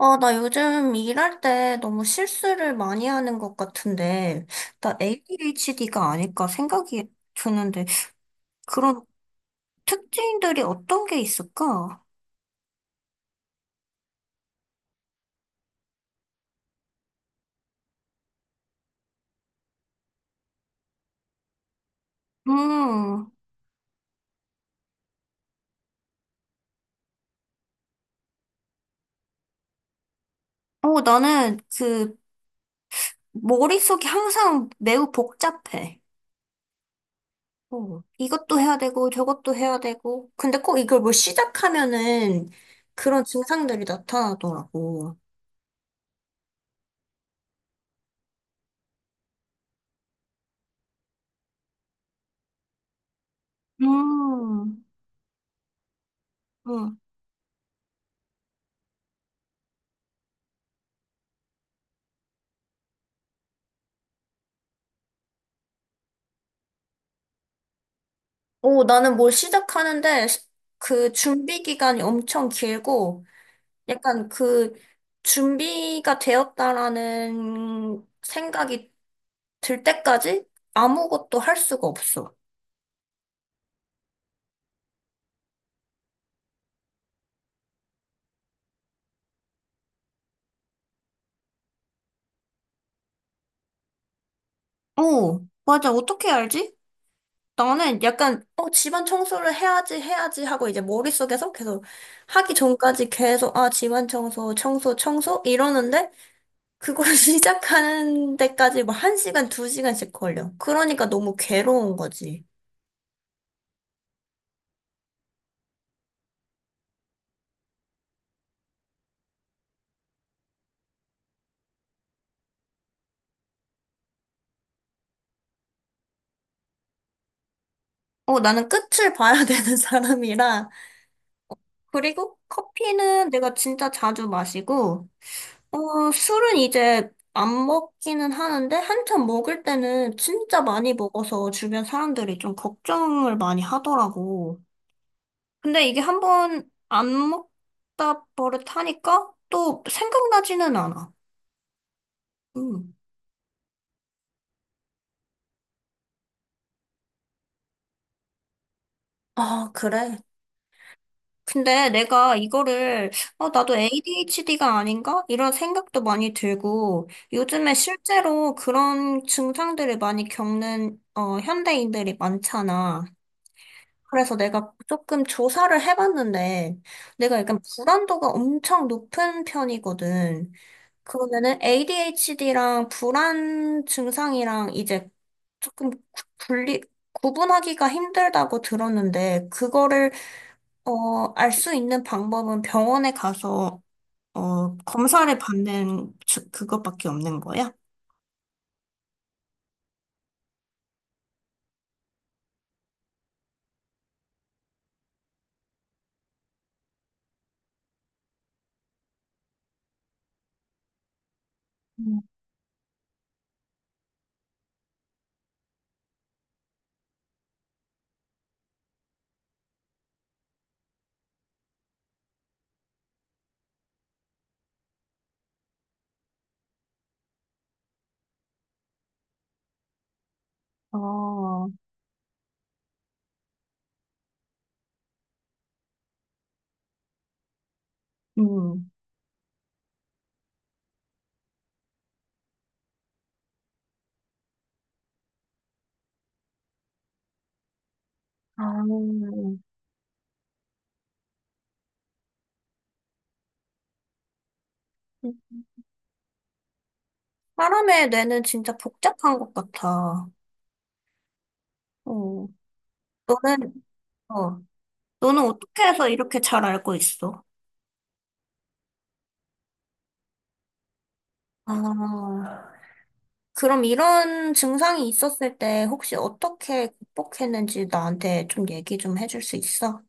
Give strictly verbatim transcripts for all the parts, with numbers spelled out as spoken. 아, 나 요즘 일할 때 너무 실수를 많이 하는 것 같은데, 나 에이디에이치디가 아닐까 생각이 드는데, 그런 특징들이 어떤 게 있을까? 음, 어, 나는 그, 머릿속이 항상 매우 복잡해. 어, 이것도 해야 되고, 저것도 해야 되고. 근데 꼭 이걸 뭘 시작하면은 그런 증상들이 나타나더라고. 음, 음. 오, 나는 뭘 시작하는데 시- 그 준비 기간이 엄청 길고 약간 그 준비가 되었다라는 생각이 들 때까지 아무것도 할 수가 없어. 오, 맞아. 어떻게 알지? 나는 약간 어, 집안 청소를 해야지 해야지 하고 이제 머릿속에서 계속 하기 전까지 계속 아, 집안 청소, 청소, 청소 이러는데 그걸 시작하는 데까지 뭐 한 시간, 두 시간씩 걸려. 그러니까 너무 괴로운 거지. 어, 나는 끝을 봐야 되는 사람이라. 그리고 커피는 내가 진짜 자주 마시고, 어, 술은 이제 안 먹기는 하는데, 한참 먹을 때는 진짜 많이 먹어서 주변 사람들이 좀 걱정을 많이 하더라고. 근데 이게 한번 안 먹다 버릇하니까 또 생각나지는 않아. 음. 아, 그래. 근데 내가 이거를, 어, 나도 에이디에이치디가 아닌가? 이런 생각도 많이 들고, 요즘에 실제로 그런 증상들을 많이 겪는, 어, 현대인들이 많잖아. 그래서 내가 조금 조사를 해봤는데, 내가 약간 불안도가 엄청 높은 편이거든. 그러면은 에이디에이치디랑 불안 증상이랑 이제 조금 구- 분리, 구분하기가 힘들다고 들었는데, 그거를 어, 알 수 있는 방법은 병원에 가서, 어, 검사를 받는 주- 그것밖에 없는 거야? 음. 어, 음. 아, 사람의 뇌는 진짜 복잡한 것 같아. 어, 너는, 어, 너는 어떻게 해서 이렇게 잘 알고 있어? 아, 그럼 이런 증상이 있었을 때 혹시 어떻게 극복했는지 나한테 좀 얘기 좀 해줄 수 있어?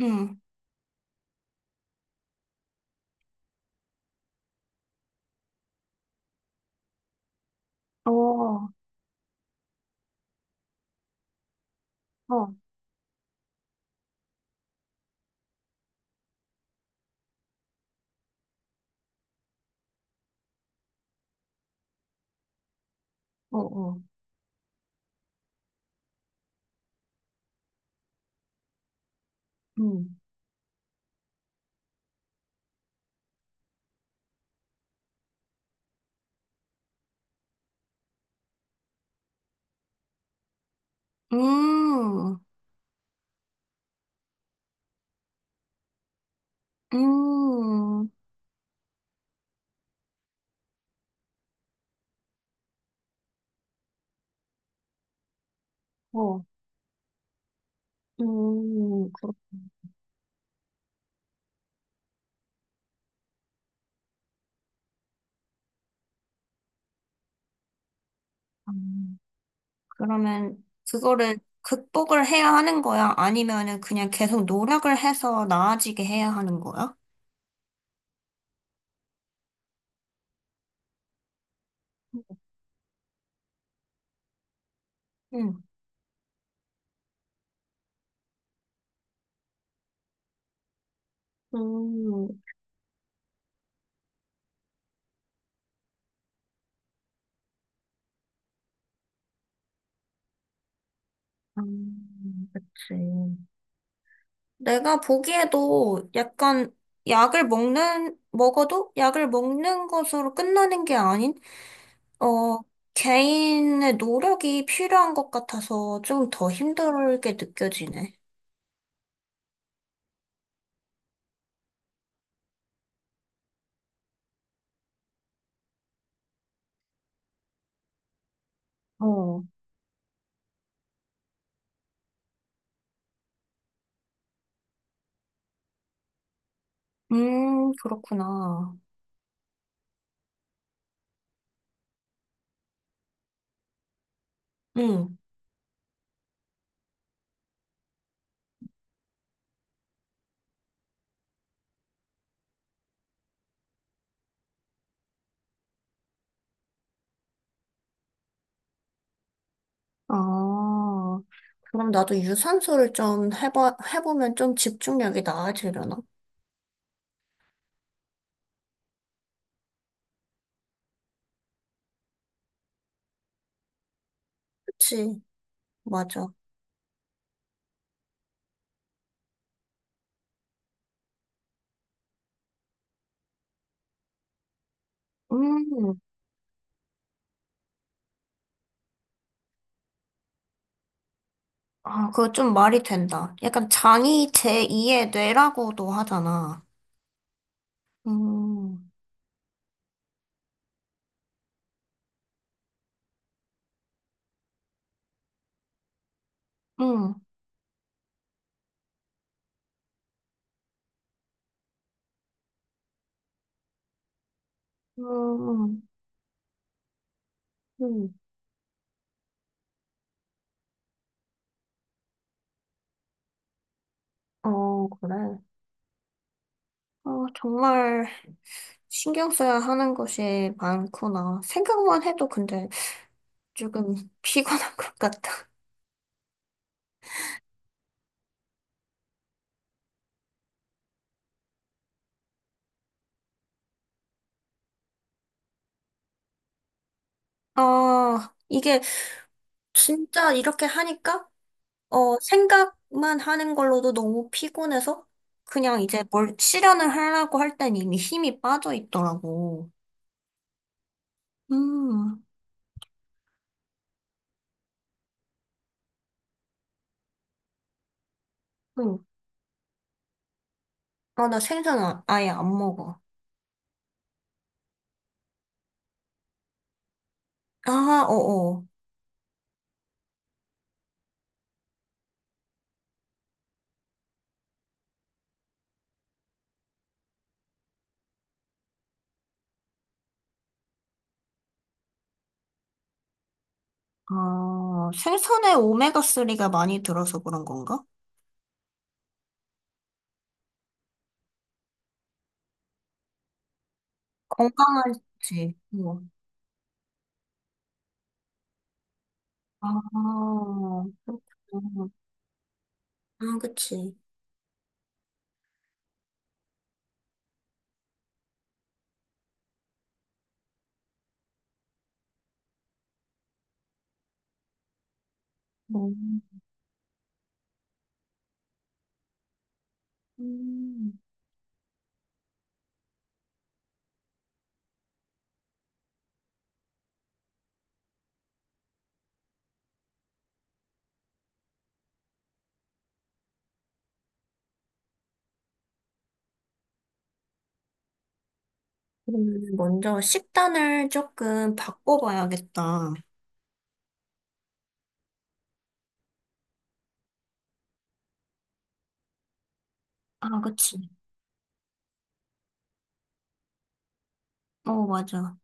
응. 어, 어, 어, 어. 음, 음, 어, 음, 그렇다. 그러면 그거를 극복을 해야 하는 거야? 아니면은 그냥 계속 노력을 해서 나아지게 해야 하는 거야? 응, 음, 음, 그치. 내가 보기에도 약간 약을 먹는, 먹어도 약을 먹는 것으로 끝나는 게 아닌, 어, 개인의 노력이 필요한 것 같아서 좀 더 힘들게 느껴지네. 어. 음, 그렇구나. 응. 아, 그럼 나도 유산소를 좀 해봐, 해보면 좀 집중력이 나아지려나? 그치, 맞아. 음, 아, 그거 좀 말이 된다. 약간 장이 제이의 뇌라고도 하잖아. 음, 음, 음, 음. 어, 그래. 어, 정말 신경 써야 하는 것이 많구나. 생각만 해도 근데 조금 피곤한 것 같다. 아, 이게 진짜 이렇게 하니까, 어, 생각만 하는 걸로도 너무 피곤해서, 그냥 이제 뭘 실현을 하려고 할 땐 이미 힘이 빠져 있더라고. 음, 응. 아, 나 생선 아- 아예 안 먹어. 아, 어어. 아, 생선에 오메가삼이 많이 들어서 그런 건가? 건강하지. 뭐. 아, 그렇구나. 아, 그치. 음, 음. 그러면 먼저 식단을 조금 바꿔봐야겠다. 아, 그치. 어, 맞아.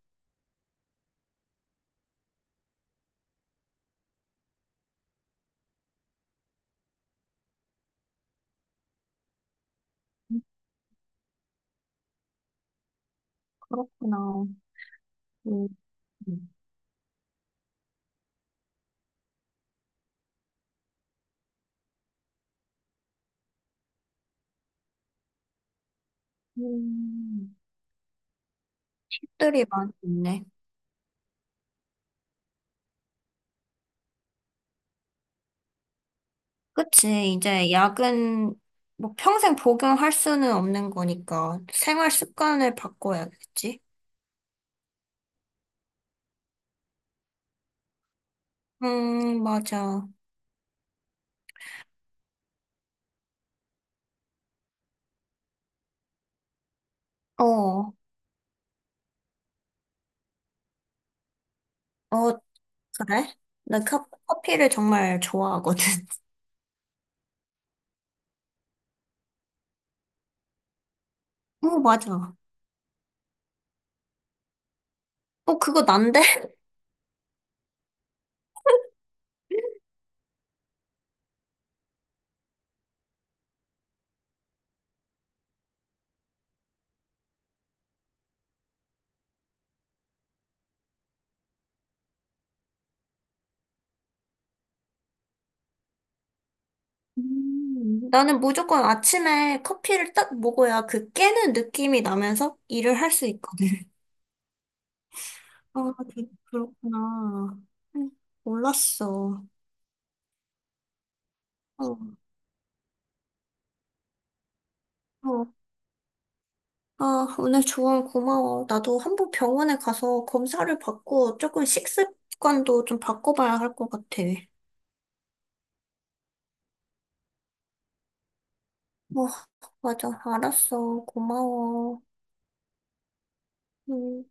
음, 그렇구나. 음, 음. 팁들이 많이 있네. 그치. 이제 약은 뭐 평생 복용할 수는 없는 거니까 생활 습관을 바꿔야겠지. 음, 맞아. 어, 어, 그래? 나 커, 커피를 정말 좋아하거든. 어, 맞아. 어, 그거 난데? 음, 나는 무조건 아침에 커피를 딱 먹어야 그 깨는 느낌이 나면서 일을 할 수 있거든. 아, 그, 그렇구나. 응. 몰랐어. 어, 어. 아, 오늘 조언 고마워. 나도 한번 병원에 가서 검사를 받고 조금 식습관도 좀 바꿔봐야 할 것 같아. 어, 맞아. 알았어. 고마워. 음.